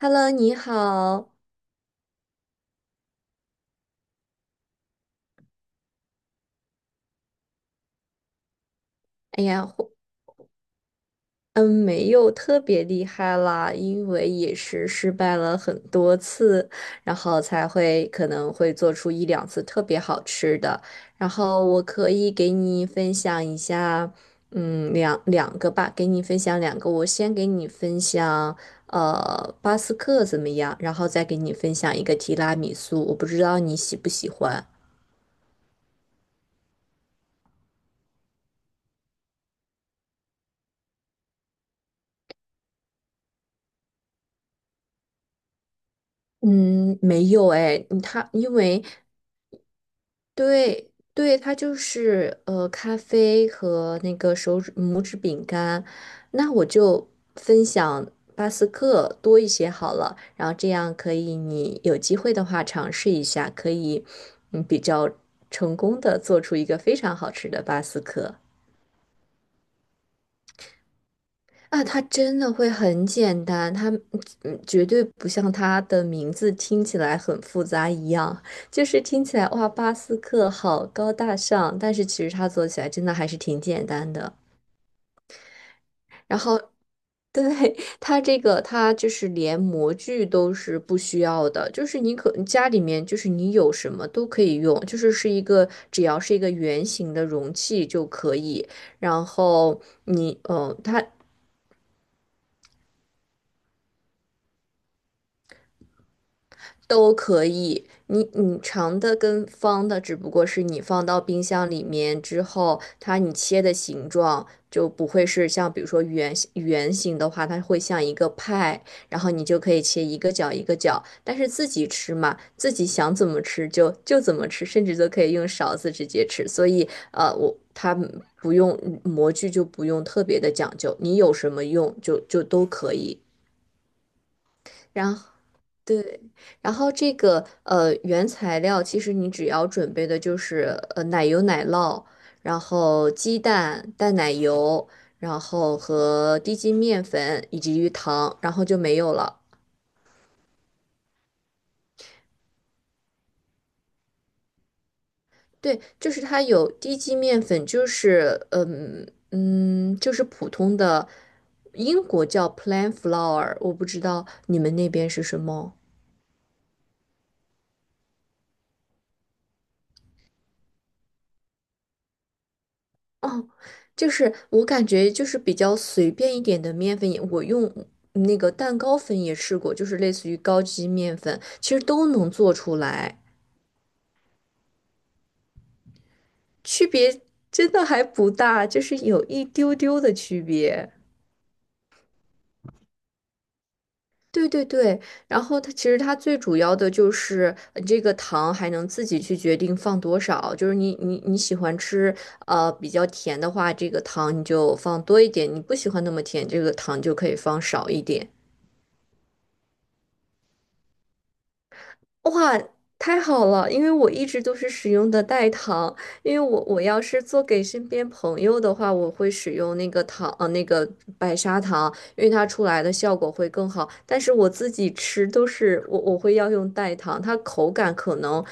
Hello，你好。哎呀，没有特别厉害啦，因为也是失败了很多次，然后才会可能会做出一两次特别好吃的。然后我可以给你分享一下，两个吧，给你分享两个。我先给你分享，巴斯克怎么样？然后再给你分享一个提拉米苏，我不知道你喜不喜欢。嗯，没有哎，它因为对对，它就是咖啡和那个手指拇指饼干，那我就分享巴斯克多一些好了，然后这样可以你有机会的话尝试一下，可以比较成功的做出一个非常好吃的巴斯克。啊，它真的会很简单，它绝对不像它的名字听起来很复杂一样，就是听起来哇，巴斯克好高大上，但是其实它做起来真的还是挺简单的。然后，对，它这个它就是连模具都是不需要的，就是你家里面就是你有什么都可以用，就是是一个只要是一个圆形的容器就可以。然后都可以，你长的跟方的，只不过是你放到冰箱里面之后，它你切的形状就不会是像比如说圆形的话，它会像一个派，然后你就可以切一个角一个角。但是自己吃嘛，自己想怎么吃就怎么吃，甚至都可以用勺子直接吃。所以它不用模具就不用特别的讲究，你有什么用就都可以。然后。对，然后这个原材料，其实你只要准备的就是奶油、奶酪，然后鸡蛋、淡奶油，然后和低筋面粉以及鱼糖，然后就没有了。对，就是它有低筋面粉，就是就是普通的英国叫 plain flour,我不知道你们那边是什么。哦，就是我感觉就是比较随便一点的面粉也，我用那个蛋糕粉也试过，就是类似于高级面粉，其实都能做出来，区别真的还不大，就是有一丢丢的区别。对对对，然后它其实最主要的就是这个糖还能自己去决定放多少，就是你喜欢吃比较甜的话，这个糖你就放多一点；你不喜欢那么甜，这个糖就可以放少一点。哇，太好了！因为我一直都是使用的代糖，因为我要是做给身边朋友的话，我会使用那个糖，那个白砂糖，因为它出来的效果会更好。但是我自己吃都是我会要用代糖，它口感可能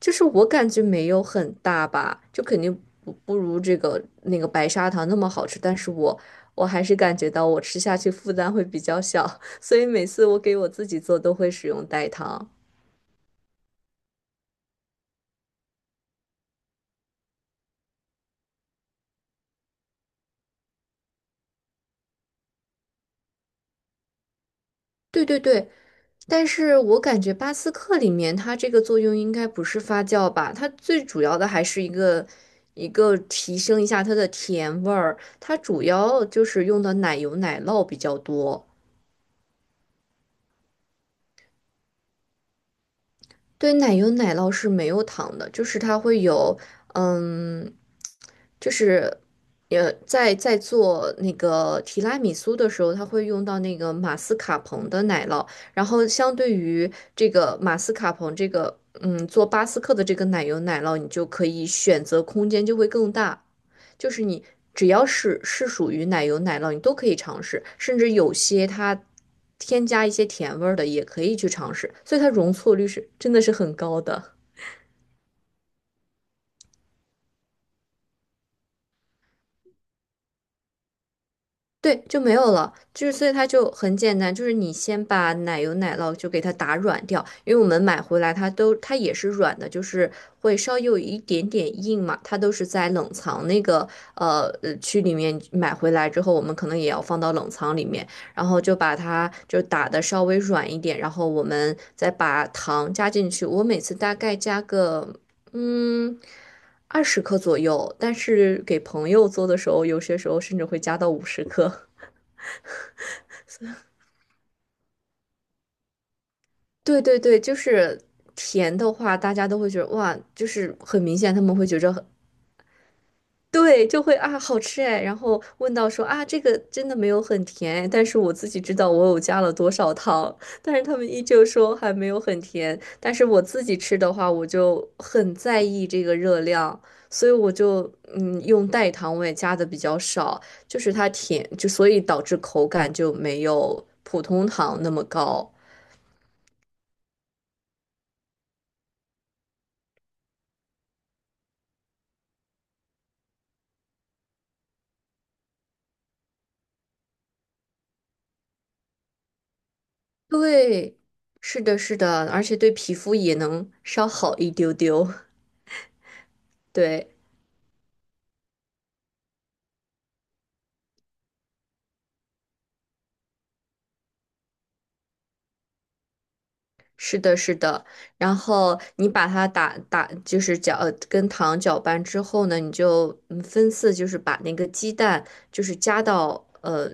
就是我感觉没有很大吧，就肯定不如这个那个白砂糖那么好吃。但是我还是感觉到我吃下去负担会比较小，所以每次我给我自己做都会使用代糖。对对对，但是我感觉巴斯克里面它这个作用应该不是发酵吧，它最主要的还是一个提升一下它的甜味儿，它主要就是用的奶油奶酪比较多。对，奶油奶酪是没有糖的，就是它会有，嗯，就是，在做那个提拉米苏的时候，它会用到那个马斯卡彭的奶酪，然后相对于这个马斯卡彭这个，做巴斯克的这个奶油奶酪，你就可以选择空间就会更大。就是你只要是属于奶油奶酪，你都可以尝试，甚至有些它添加一些甜味儿的也可以去尝试，所以它容错率是真的是很高的。对，就没有了，就是所以它就很简单，就是你先把奶油奶酪就给它打软掉，因为我们买回来它也是软的，就是会稍微有一点点硬嘛，它都是在冷藏那个区里面买回来之后，我们可能也要放到冷藏里面，然后就把它就打的稍微软一点，然后我们再把糖加进去，我每次大概加个嗯。20克左右，但是给朋友做的时候，有些时候甚至会加到50克。对对对，就是甜的话，大家都会觉得哇，就是很明显，他们会觉着很对，就会啊好吃哎。然后问到说啊，这个真的没有很甜哎但是我自己知道我有加了多少糖，但是他们依旧说还没有很甜。但是我自己吃的话，我就很在意这个热量，所以我就用代糖，我也加的比较少，就是它甜，就所以导致口感就没有普通糖那么高。对，是的，是的，而且对皮肤也能稍好一丢丢。对，是的，是的。然后你把它打打，就是搅，跟糖搅拌之后呢，你就分次，就是把那个鸡蛋，就是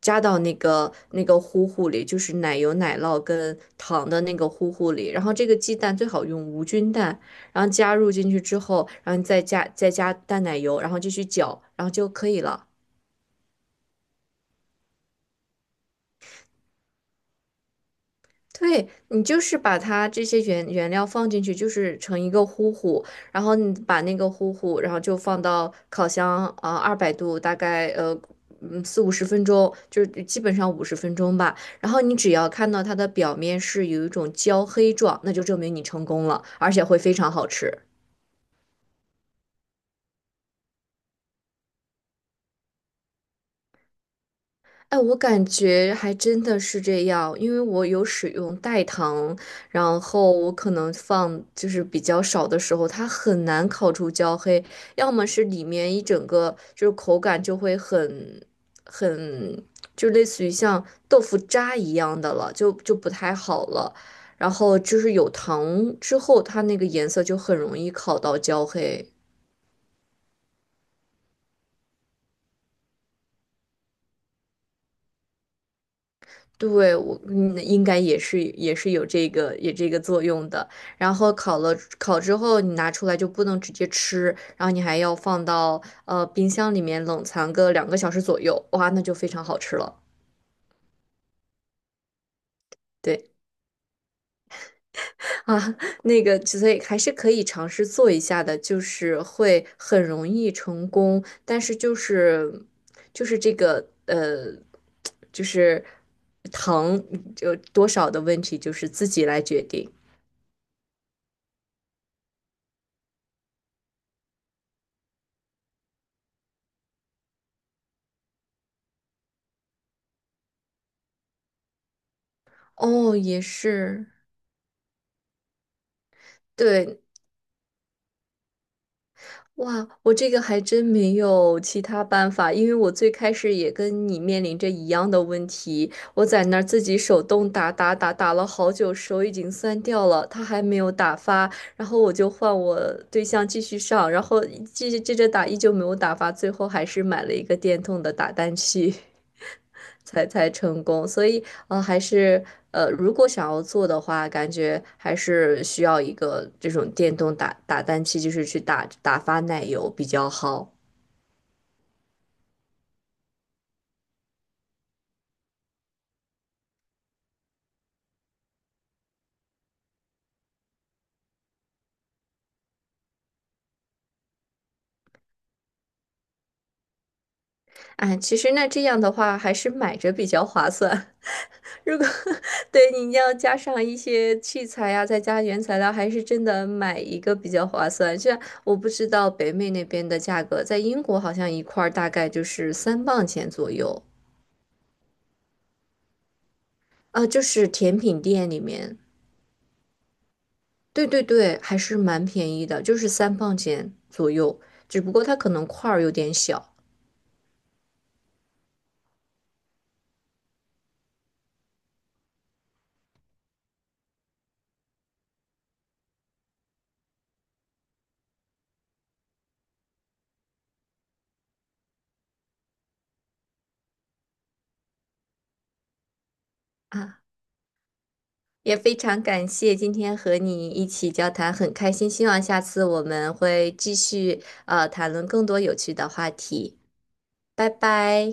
加到那个糊糊里，就是奶油、奶酪跟糖的那个糊糊里。然后这个鸡蛋最好用无菌蛋，然后加入进去之后，然后你再加淡奶油，然后继续搅，然后就可以了。对，你就是把它这些原料放进去，就是成一个糊糊，然后你把那个糊糊，然后就放到烤箱啊，200度，大概四五十分钟，就是基本上五十分钟吧。然后你只要看到它的表面是有一种焦黑状，那就证明你成功了，而且会非常好吃。哎，我感觉还真的是这样，因为我有使用代糖，然后我可能放就是比较少的时候，它很难烤出焦黑，要么是里面一整个就是口感就会很，就类似于像豆腐渣一样的了，就不太好了。然后就是有糖之后，它那个颜色就很容易烤到焦黑。对，我应该也是有这个作用的。然后烤了烤之后，你拿出来就不能直接吃，然后你还要放到冰箱里面冷藏个2个小时左右，哇，那就非常好吃了。对 啊，那个所以还是可以尝试做一下的，就是会很容易成功，但是就是这个就是糖就多少的问题，就是自己来决定。哦，也是。对，哇，我这个还真没有其他办法，因为我最开始也跟你面临着一样的问题，我在那儿自己手动打打了好久，手已经酸掉了，它还没有打发，然后我就换我对象继续上，然后继续接着打，依旧没有打发，最后还是买了一个电动的打蛋器。才成功，所以还是如果想要做的话，感觉还是需要一个这种电动打蛋器，就是去打发奶油比较好。哎，其实那这样的话，还是买着比较划算。如果 对你要加上一些器材呀、再加原材料，还是真的买一个比较划算。虽然我不知道北美那边的价格，在英国好像一块儿大概就是三磅钱左右啊，就是甜品店里面。对对对，还是蛮便宜的，就是三磅钱左右，只不过它可能块儿有点小啊。也非常感谢今天和你一起交谈，很开心，希望下次我们会继续谈论更多有趣的话题。拜拜。